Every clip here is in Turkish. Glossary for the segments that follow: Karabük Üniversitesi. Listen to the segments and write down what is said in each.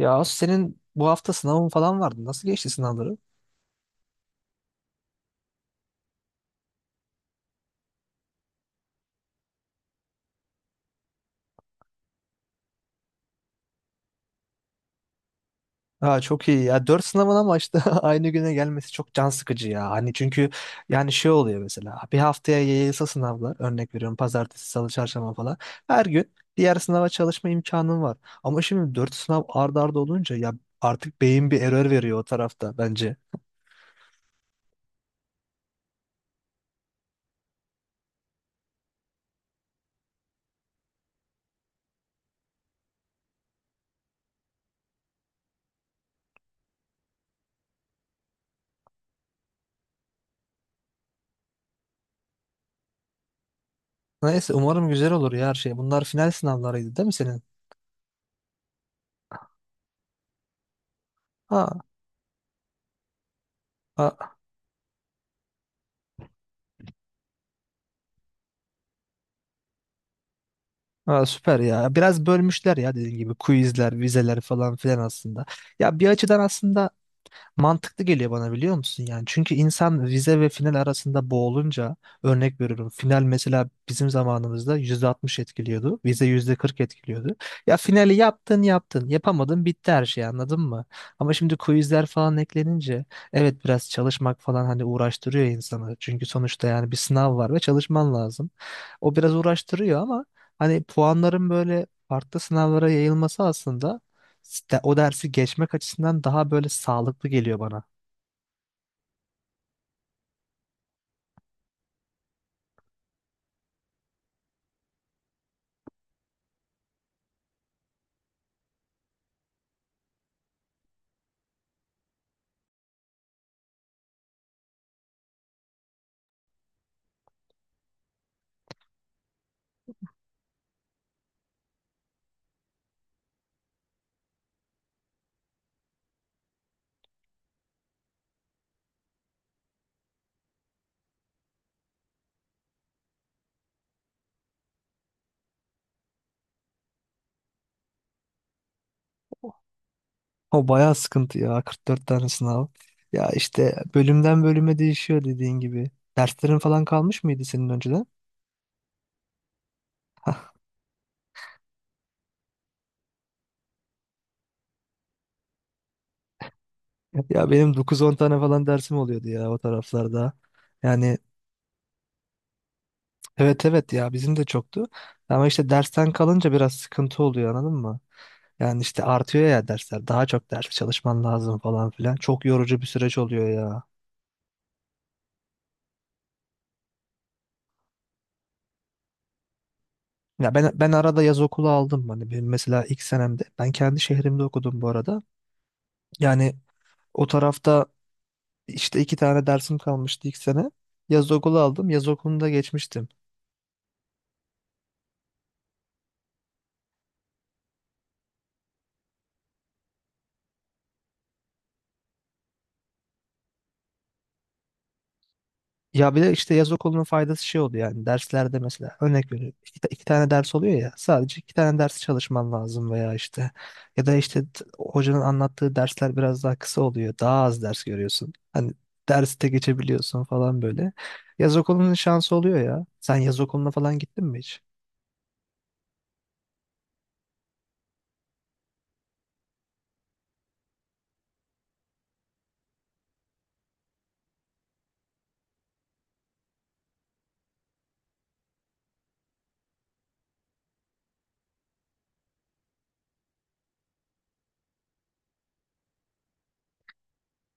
Ya Asu, senin bu hafta sınavın falan vardı. Nasıl geçti sınavları? Ha, çok iyi ya. Dört sınavın ama işte aynı güne gelmesi çok can sıkıcı ya. Hani çünkü yani şey oluyor mesela. Bir haftaya yayılsa sınavlar. Örnek veriyorum pazartesi, salı, çarşamba falan. Her gün diğer sınava çalışma imkanın var. Ama şimdi dört sınav ard arda olunca ya artık beyin bir error veriyor o tarafta bence. Neyse umarım güzel olur ya her şey. Bunlar final sınavlarıydı değil mi senin? Ha, ha. Ha, süper ya. Biraz bölmüşler ya dediğin gibi quizler, vizeler falan filan aslında. Ya bir açıdan aslında mantıklı geliyor bana biliyor musun yani? Çünkü insan vize ve final arasında boğulunca örnek veriyorum. Final mesela bizim zamanımızda %60 etkiliyordu. Vize %40 etkiliyordu. Ya finali yaptın yaptın. Yapamadın bitti her şey anladın mı? Ama şimdi quizler falan eklenince evet biraz çalışmak falan hani uğraştırıyor insanı. Çünkü sonuçta yani bir sınav var ve çalışman lazım. O biraz uğraştırıyor ama hani puanların böyle farklı sınavlara yayılması aslında o dersi geçmek açısından daha böyle sağlıklı geliyor bana. O bayağı sıkıntı ya, 44 tane sınav. Ya işte bölümden bölüme değişiyor dediğin gibi. Derslerin falan kalmış mıydı senin önceden? Ya benim 9-10 tane falan dersim oluyordu ya o taraflarda. Yani evet evet ya bizim de çoktu. Ama işte dersten kalınca biraz sıkıntı oluyor anladın mı? Yani işte artıyor ya dersler. Daha çok ders çalışman lazım falan filan. Çok yorucu bir süreç oluyor ya. Ya ben arada yaz okulu aldım. Hani benim mesela ilk senemde ben kendi şehrimde okudum bu arada. Yani o tarafta işte iki tane dersim kalmıştı ilk sene. Yaz okulu aldım. Yaz okulunda geçmiştim. Ya bir de işte yaz okulunun faydası şey oluyor yani derslerde mesela örnek veriyorum iki tane ders oluyor ya sadece iki tane ders çalışman lazım veya işte ya da işte hocanın anlattığı dersler biraz daha kısa oluyor daha az ders görüyorsun hani derste geçebiliyorsun falan böyle yaz okulunun şansı oluyor ya, sen yaz okuluna falan gittin mi hiç?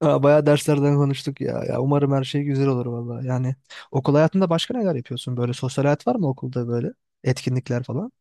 Aa, bayağı derslerden konuştuk ya. Ya umarım her şey güzel olur valla. Yani okul hayatında başka neler yapıyorsun? Böyle sosyal hayat var mı okulda böyle? Etkinlikler falan?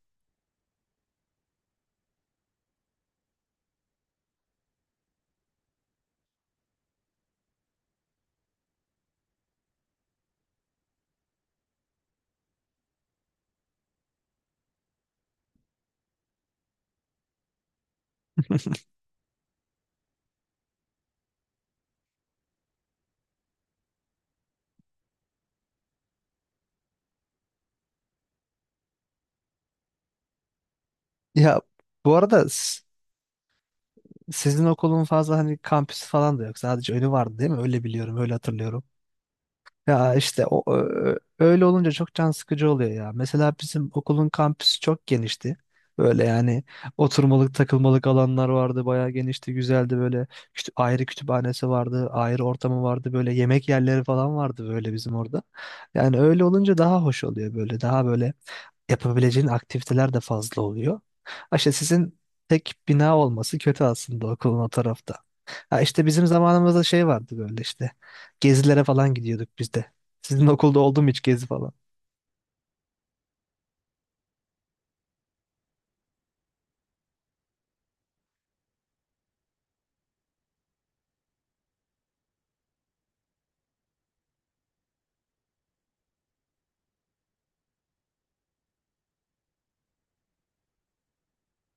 Ya bu arada sizin okulun fazla hani kampüsü falan da yok. Sadece önü vardı değil mi? Öyle biliyorum, öyle hatırlıyorum. Ya işte öyle olunca çok can sıkıcı oluyor ya. Mesela bizim okulun kampüsü çok genişti. Böyle yani oturmalık takılmalık alanlar vardı. Bayağı genişti, güzeldi böyle. Ayrı kütüphanesi vardı, ayrı ortamı vardı. Böyle yemek yerleri falan vardı böyle bizim orada. Yani öyle olunca daha hoş oluyor böyle. Daha böyle yapabileceğin aktiviteler de fazla oluyor. Ha işte sizin tek bina olması kötü aslında okulun o tarafta. Ha işte bizim zamanımızda şey vardı böyle işte. Gezilere falan gidiyorduk biz de. Sizin okulda oldu mu hiç gezi falan?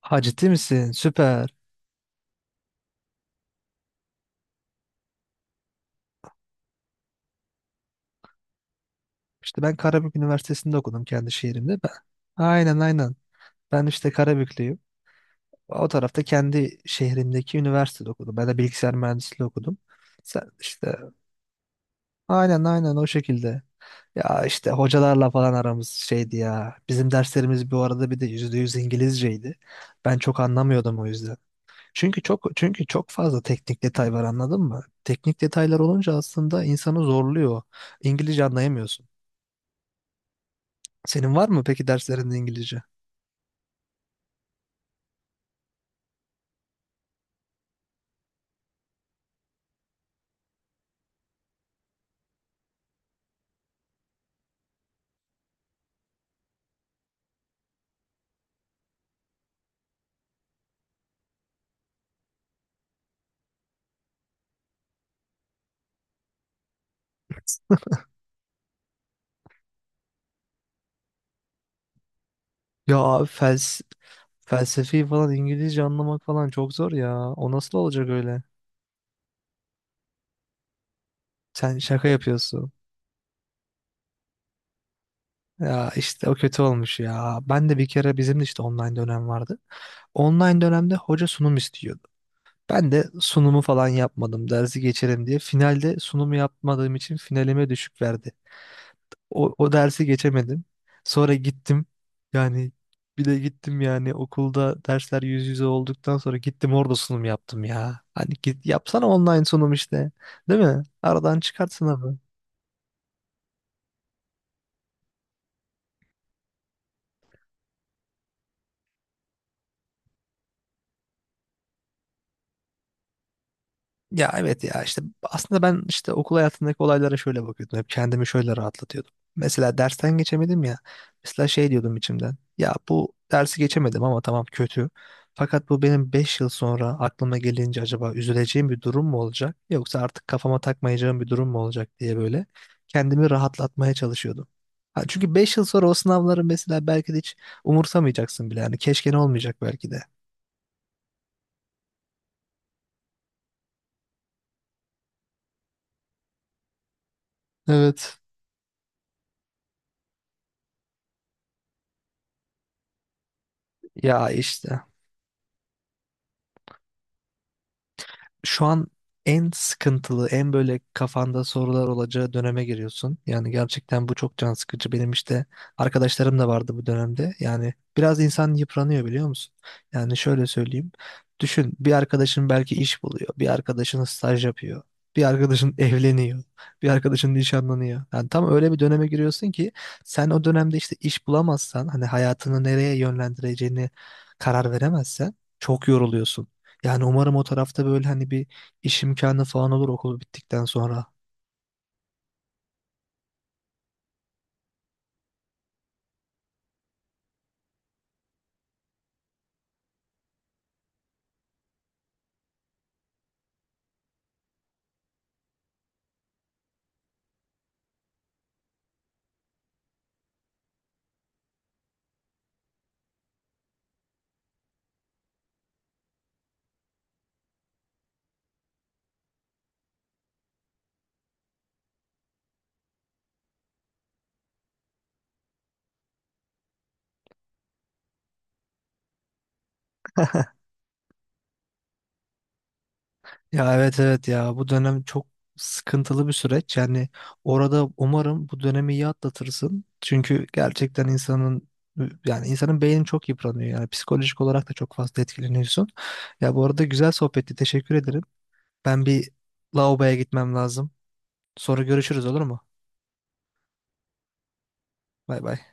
Ha, ciddi misin? Süper. İşte ben Karabük Üniversitesi'nde okudum kendi şehrimde. Ben... Aynen aynen. Ben işte Karabüklüyüm. O tarafta kendi şehrimdeki üniversitede okudum. Ben de bilgisayar mühendisliği okudum. Sen işte aynen aynen o şekilde. Ya işte hocalarla falan aramız şeydi ya. Bizim derslerimiz bu arada bir de %100 İngilizceydi. Ben çok anlamıyordum o yüzden. Çünkü çok fazla teknik detay var anladın mı? Teknik detaylar olunca aslında insanı zorluyor. İngilizce anlayamıyorsun. Senin var mı peki derslerinde İngilizce? Ya abi felsefi falan İngilizce anlamak falan çok zor ya. O nasıl olacak öyle? Sen şaka yapıyorsun. Ya işte o kötü olmuş ya. Ben de bir kere bizim de işte online dönem vardı. Online dönemde hoca sunum istiyordu. Ben de sunumu falan yapmadım dersi geçerim diye. Finalde sunumu yapmadığım için finalime düşük verdi. O dersi geçemedim. Sonra gittim. Yani bir de gittim yani okulda dersler yüz yüze olduktan sonra gittim orada sunum yaptım ya. Hani git yapsana online sunum işte. Değil mi? Aradan çıkart sınavı. Ya evet ya işte aslında ben işte okul hayatındaki olaylara şöyle bakıyordum. Hep kendimi şöyle rahatlatıyordum. Mesela dersten geçemedim ya. Mesela şey diyordum içimden. Ya bu dersi geçemedim ama tamam kötü. Fakat bu benim 5 yıl sonra aklıma gelince acaba üzüleceğim bir durum mu olacak? Yoksa artık kafama takmayacağım bir durum mu olacak diye böyle kendimi rahatlatmaya çalışıyordum. Ha, çünkü 5 yıl sonra o sınavları mesela belki de hiç umursamayacaksın bile. Yani keşke ne olmayacak belki de. Evet. Ya işte şu an en sıkıntılı, en böyle kafanda sorular olacağı döneme giriyorsun. Yani gerçekten bu çok can sıkıcı. Benim işte arkadaşlarım da vardı bu dönemde. Yani biraz insan yıpranıyor biliyor musun? Yani şöyle söyleyeyim. Düşün bir arkadaşın belki iş buluyor. Bir arkadaşın staj yapıyor. Bir arkadaşın evleniyor. Bir arkadaşın nişanlanıyor. Yani tam öyle bir döneme giriyorsun ki sen o dönemde işte iş bulamazsan hani hayatını nereye yönlendireceğini karar veremezsen çok yoruluyorsun. Yani umarım o tarafta böyle hani bir iş imkanı falan olur okul bittikten sonra. Ya evet evet ya bu dönem çok sıkıntılı bir süreç. Yani orada umarım bu dönemi iyi atlatırsın. Çünkü gerçekten insanın yani insanın beyni çok yıpranıyor. Yani psikolojik olarak da çok fazla etkileniyorsun. Ya bu arada güzel sohbetti. Teşekkür ederim. Ben bir lavaboya gitmem lazım. Sonra görüşürüz olur mu? Bay bay.